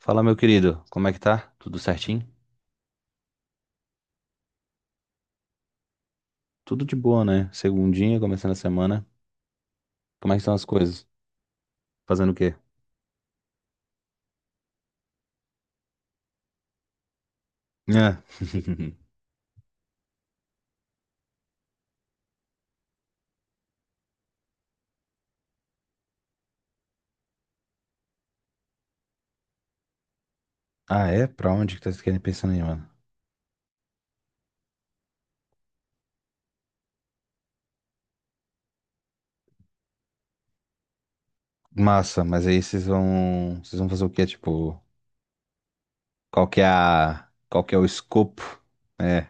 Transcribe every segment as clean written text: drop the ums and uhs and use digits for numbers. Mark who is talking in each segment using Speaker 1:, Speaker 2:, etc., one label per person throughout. Speaker 1: Fala, meu querido, como é que tá? Tudo certinho? Tudo de boa, né? Segundinha, começando a semana. Como é que estão as coisas? Fazendo o quê? É. Ah, é? Pra onde que vocês querem pensando aí, mano? Massa, mas aí vocês vão fazer o quê? Tipo, qual que é o escopo? É.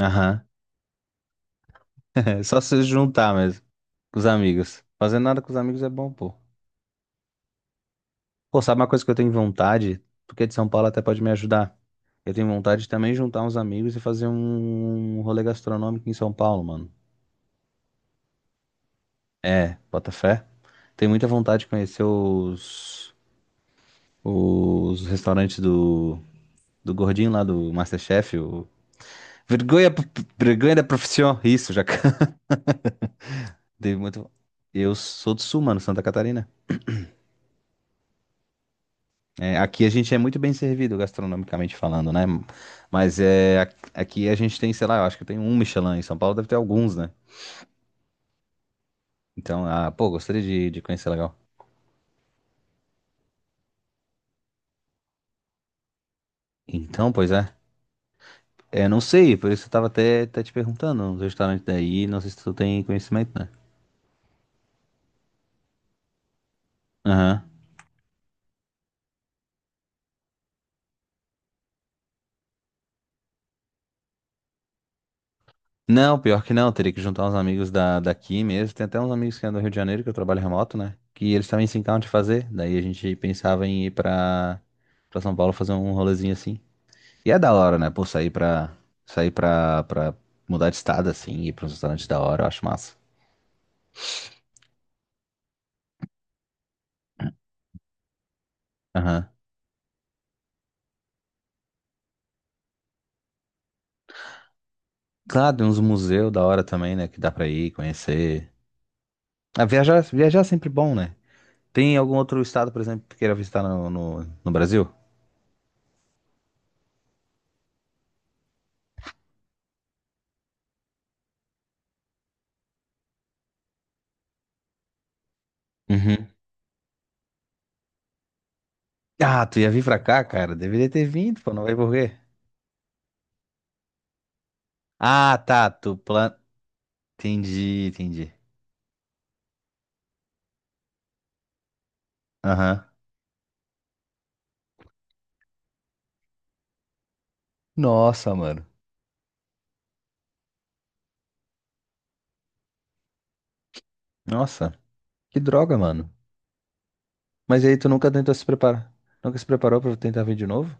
Speaker 1: Aham. É só se juntar mesmo com os amigos. Fazer nada com os amigos é bom, pô. Pô, sabe uma coisa que eu tenho vontade? Porque de São Paulo até pode me ajudar. Eu tenho vontade de também juntar uns amigos e fazer um rolê gastronômico em São Paulo, mano. É, bota fé. Tenho muita vontade de conhecer os restaurantes do gordinho lá do MasterChef. Vergonha, vergonha da profissão. Isso, já. Dei muito... Eu sou do Sul, mano, Santa Catarina. É, aqui a gente é muito bem servido gastronomicamente falando, né? Mas é, aqui a gente tem, sei lá, eu acho que tem um Michelin. Em São Paulo deve ter alguns, né? Então, pô, gostaria de conhecer legal. Então, pois é. É, não sei, por isso eu tava até te perguntando, os restaurantes daí, não sei se tu tem conhecimento, né? Aham. Não, pior que não, teria que juntar uns amigos daqui mesmo. Tem até uns amigos que é do Rio de Janeiro, que eu trabalho remoto, né? Que eles também se encantam de fazer. Daí a gente pensava em ir pra São Paulo fazer um rolezinho assim. E é da hora, né? Pô, pra mudar de estado, assim, ir pra um restaurante da hora, eu acho massa. Aham. Claro, tem uns museus da hora também, né? Que dá pra ir, conhecer. Ah, viajar, viajar é sempre bom, né? Tem algum outro estado, por exemplo, que tu queira visitar no Brasil? Uhum. Ah, tu ia vir pra cá, cara? Deveria ter vindo, pô, não vai por quê? Ah, tá, tu plan... Entendi, entendi. Aham. Nossa, mano. Nossa, que droga, mano. Mas aí tu nunca tentou se preparar? Nunca se preparou pra tentar vir de novo?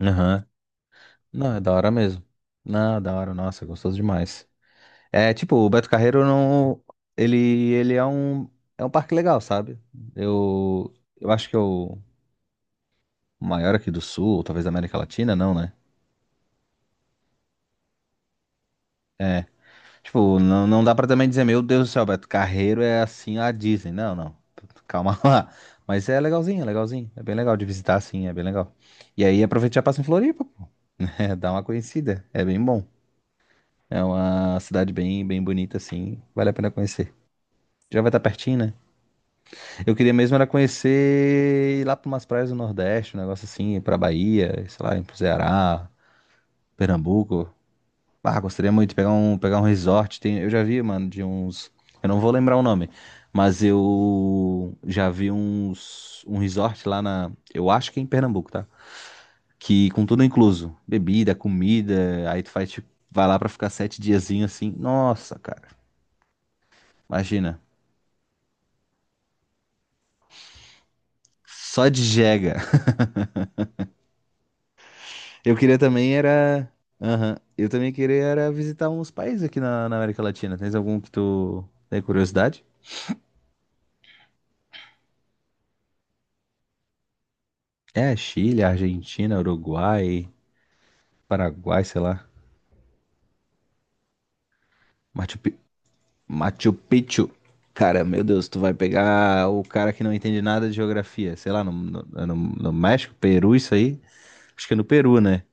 Speaker 1: Aham. Não, é da hora mesmo. Não, da hora, nossa, gostoso demais. É, tipo, o Beto Carreiro não. Ele, ele é um. É um parque legal, sabe? Eu. Eu acho que é o maior aqui do Sul, talvez da América Latina, não, né? É. Tipo, não, não dá pra também dizer, meu Deus do céu, Beto Carreiro é assim a Disney. Não, não. Calma lá. Mas é legalzinho, é legalzinho. É bem legal de visitar, sim, é bem legal. E aí aproveita e já passa em Floripa, pô. É, dá uma conhecida. É bem bom. É uma cidade bem, bem bonita, assim. Vale a pena conhecer. Já vai estar pertinho, né? Eu queria mesmo era conhecer ir lá para umas praias do Nordeste, um negócio assim, pra Bahia, sei lá, ir pro Ceará, Pernambuco. Ah, gostaria muito de pegar um resort. Tem, eu já vi, mano, de uns. Eu não vou lembrar o nome, mas eu já vi um resort lá na. Eu acho que é em Pernambuco, tá? Que com tudo incluso. Bebida, comida. Aí tu faz, tipo, vai lá pra ficar sete diazinho assim. Nossa, cara. Imagina. Só de jega. Eu queria também era. Aham. Eu também queria era visitar uns países aqui na América Latina. Tens algum que tu tem curiosidade? É, Chile, Argentina, Uruguai, Paraguai, sei lá. Machu, Pi- Machu Picchu. Cara, meu Deus, tu vai pegar o cara que não entende nada de geografia. Sei lá, é no México, Peru, isso aí. Acho que é no Peru, né?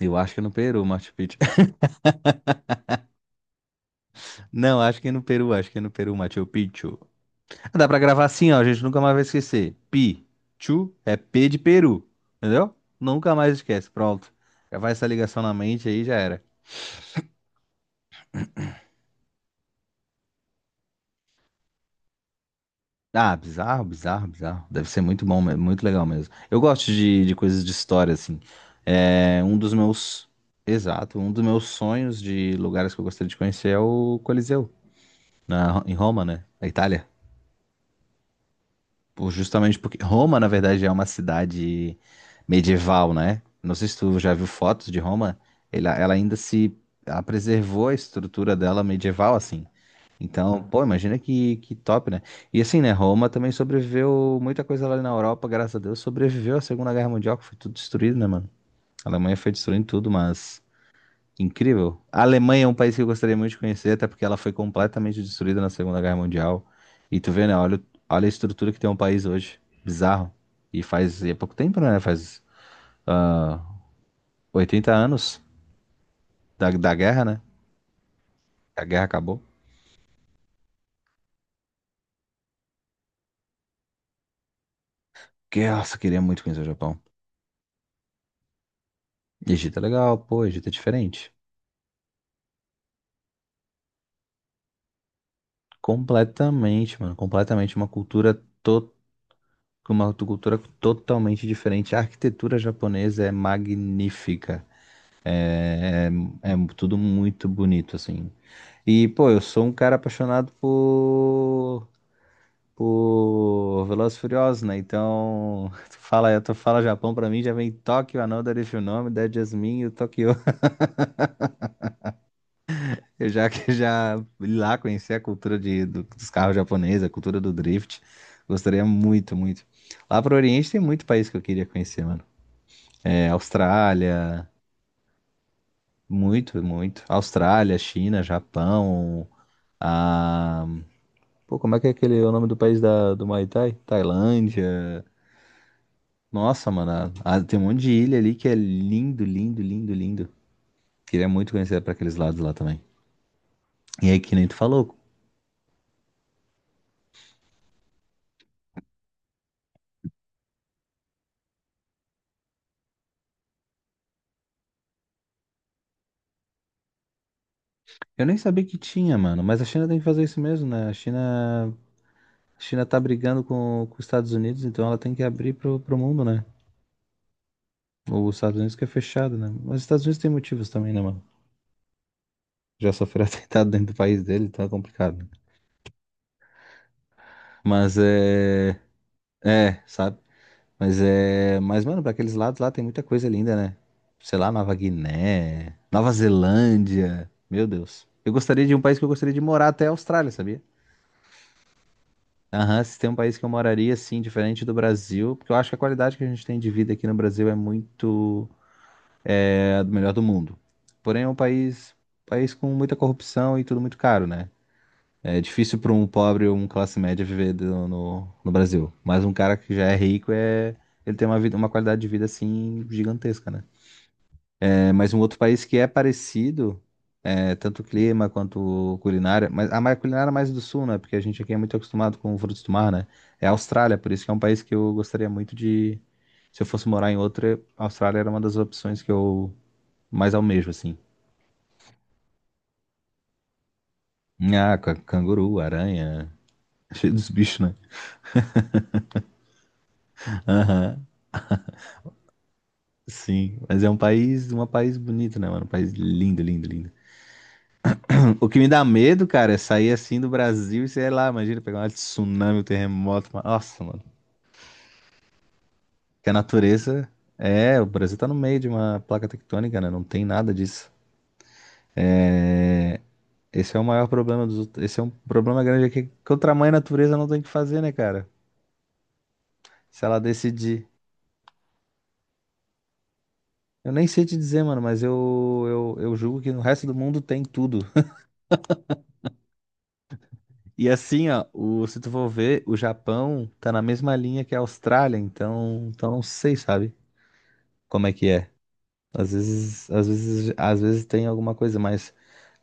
Speaker 1: Eu acho que é no Peru, Machu Picchu. Não, acho que é no Peru, acho que é no Peru, Machu Picchu. Dá pra gravar assim, ó, gente nunca mais vai esquecer. Pi, chu, é P de Peru, entendeu? Nunca mais esquece, pronto. Gravar essa ligação na mente aí já era. Ah, bizarro, bizarro, bizarro. Deve ser muito bom, mesmo, muito legal mesmo. Eu gosto de coisas de história, assim. É um dos meus. Exato, um dos meus sonhos de lugares que eu gostaria de conhecer é o Coliseu, em Roma, né? Na Itália. Justamente porque Roma, na verdade, é uma cidade medieval, né? Não sei se tu já viu fotos de Roma. Ela ainda se. Ela preservou a estrutura dela medieval, assim. Então, pô, imagina que top, né? E assim, né? Roma também sobreviveu muita coisa lá na Europa, graças a Deus, sobreviveu à Segunda Guerra Mundial, que foi tudo destruído, né, mano? A Alemanha foi destruindo tudo, mas. Incrível. A Alemanha é um país que eu gostaria muito de conhecer, até porque ela foi completamente destruída na Segunda Guerra Mundial. E tu vê, né? Olha, olha a estrutura que tem um país hoje. Bizarro. E é pouco tempo, né? Faz ah, 80 anos da guerra, né? A guerra acabou. Que, nossa, eu queria muito conhecer o Japão. Egito é legal, pô, Egito é diferente. Completamente, mano. Completamente. To... uma cultura totalmente diferente. A arquitetura japonesa é magnífica. É, é é tudo muito bonito, assim. E, pô, eu sou um cara apaixonado por Velozes e Furiosos, né? Então, tu fala Japão pra mim, já vem Tóquio, Another If You Know Me, Dead Jasmine e o Tokyo. Eu já que já ir lá conhecer a cultura dos carros japoneses, a cultura do drift. Gostaria muito, muito. Lá pro Oriente tem muito país que eu queria conhecer, mano. É, Austrália, muito, muito. Austrália, China, Japão. Ah, pô, como é que é aquele o nome do país do Muay Thai? Tailândia. Nossa, mano, tem um monte de ilha ali que é lindo, lindo, lindo, lindo. Queria muito conhecer pra aqueles lados lá também. E aí, que nem tu falou, eu nem sabia que tinha, mano, mas a China tem que fazer isso mesmo, né? A China tá brigando com os Estados Unidos, então ela tem que abrir pro mundo, né? Os Estados Unidos que é fechado, né? Mas os Estados Unidos tem motivos também, né, mano? Já sofreu atentado dentro do país dele, então é complicado, né? Mas é. É, sabe? Mas é. Mas, mano, pra aqueles lados lá tem muita coisa linda, né? Sei lá, Nova Guiné, Nova Zelândia. Meu Deus. Eu gostaria de um país que eu gostaria de morar até a Austrália, sabia? Aham, se tem um país que eu moraria, assim, diferente do Brasil, porque eu acho que a qualidade que a gente tem de vida aqui no Brasil é muito. É a do melhor do mundo. Porém, é um país com muita corrupção e tudo muito caro, né? É difícil para um pobre ou um classe média viver no Brasil. Mas um cara que já é rico é. Ele tem uma vida, uma qualidade de vida assim gigantesca, né? É, mas um outro país que é parecido, é, tanto clima quanto culinária, mas culinária é mais do sul, né? Porque a gente aqui é muito acostumado com frutos do mar, né? É a Austrália, por isso que é um país que eu gostaria muito de. Se eu fosse morar em outra, a Austrália era uma das opções que eu mais almejo, assim. Ah, canguru, aranha, cheio dos bichos, né? Aham, sim. Mas é um país bonito, né, mano? Um país lindo, lindo, lindo. O que me dá medo, cara, é sair assim do Brasil e sei lá, imagina pegar um tsunami, um terremoto, Nossa, mano. Que a natureza. É, o Brasil tá no meio de uma placa tectônica, né? Não tem nada disso. É, esse é o maior problema esse é um problema grande aqui, que o tamanho da natureza não tem o que fazer, né, cara? Se ela decidir. Eu nem sei te dizer, mano, mas eu julgo que no resto do mundo tem tudo. E assim, ó, se tu for ver, o Japão tá na mesma linha que a Austrália, então não sei, sabe? Como é que é? Às vezes tem alguma coisa, mas,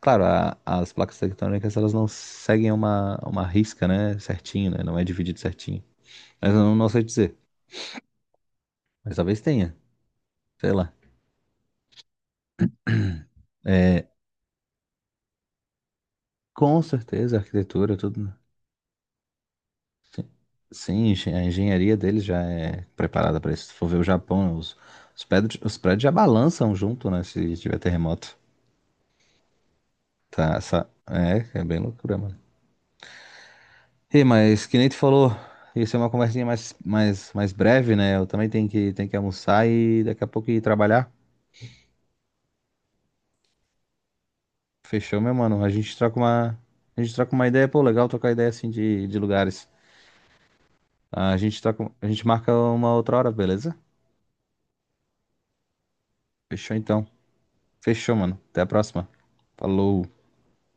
Speaker 1: claro, as placas tectônicas elas não seguem uma risca, né, certinho, né? Não é dividido certinho. Mas eu não, não sei dizer. Mas talvez tenha, sei lá. É, com certeza, a arquitetura, tudo. Sim, a engenharia deles já é preparada para isso. Se for ver o Japão, os prédios já balançam junto, né? Se tiver terremoto. Tá, essa, é bem loucura, mano. E mas que nem tu falou, isso é uma conversinha mais, mais, mais breve, né? Eu também tenho que, almoçar e daqui a pouco ir trabalhar. Fechou, meu mano? a gente troca uma ideia, pô, legal trocar ideia assim de lugares. A gente marca uma outra hora, beleza? Fechou então. Fechou, mano. Até a próxima. Falou.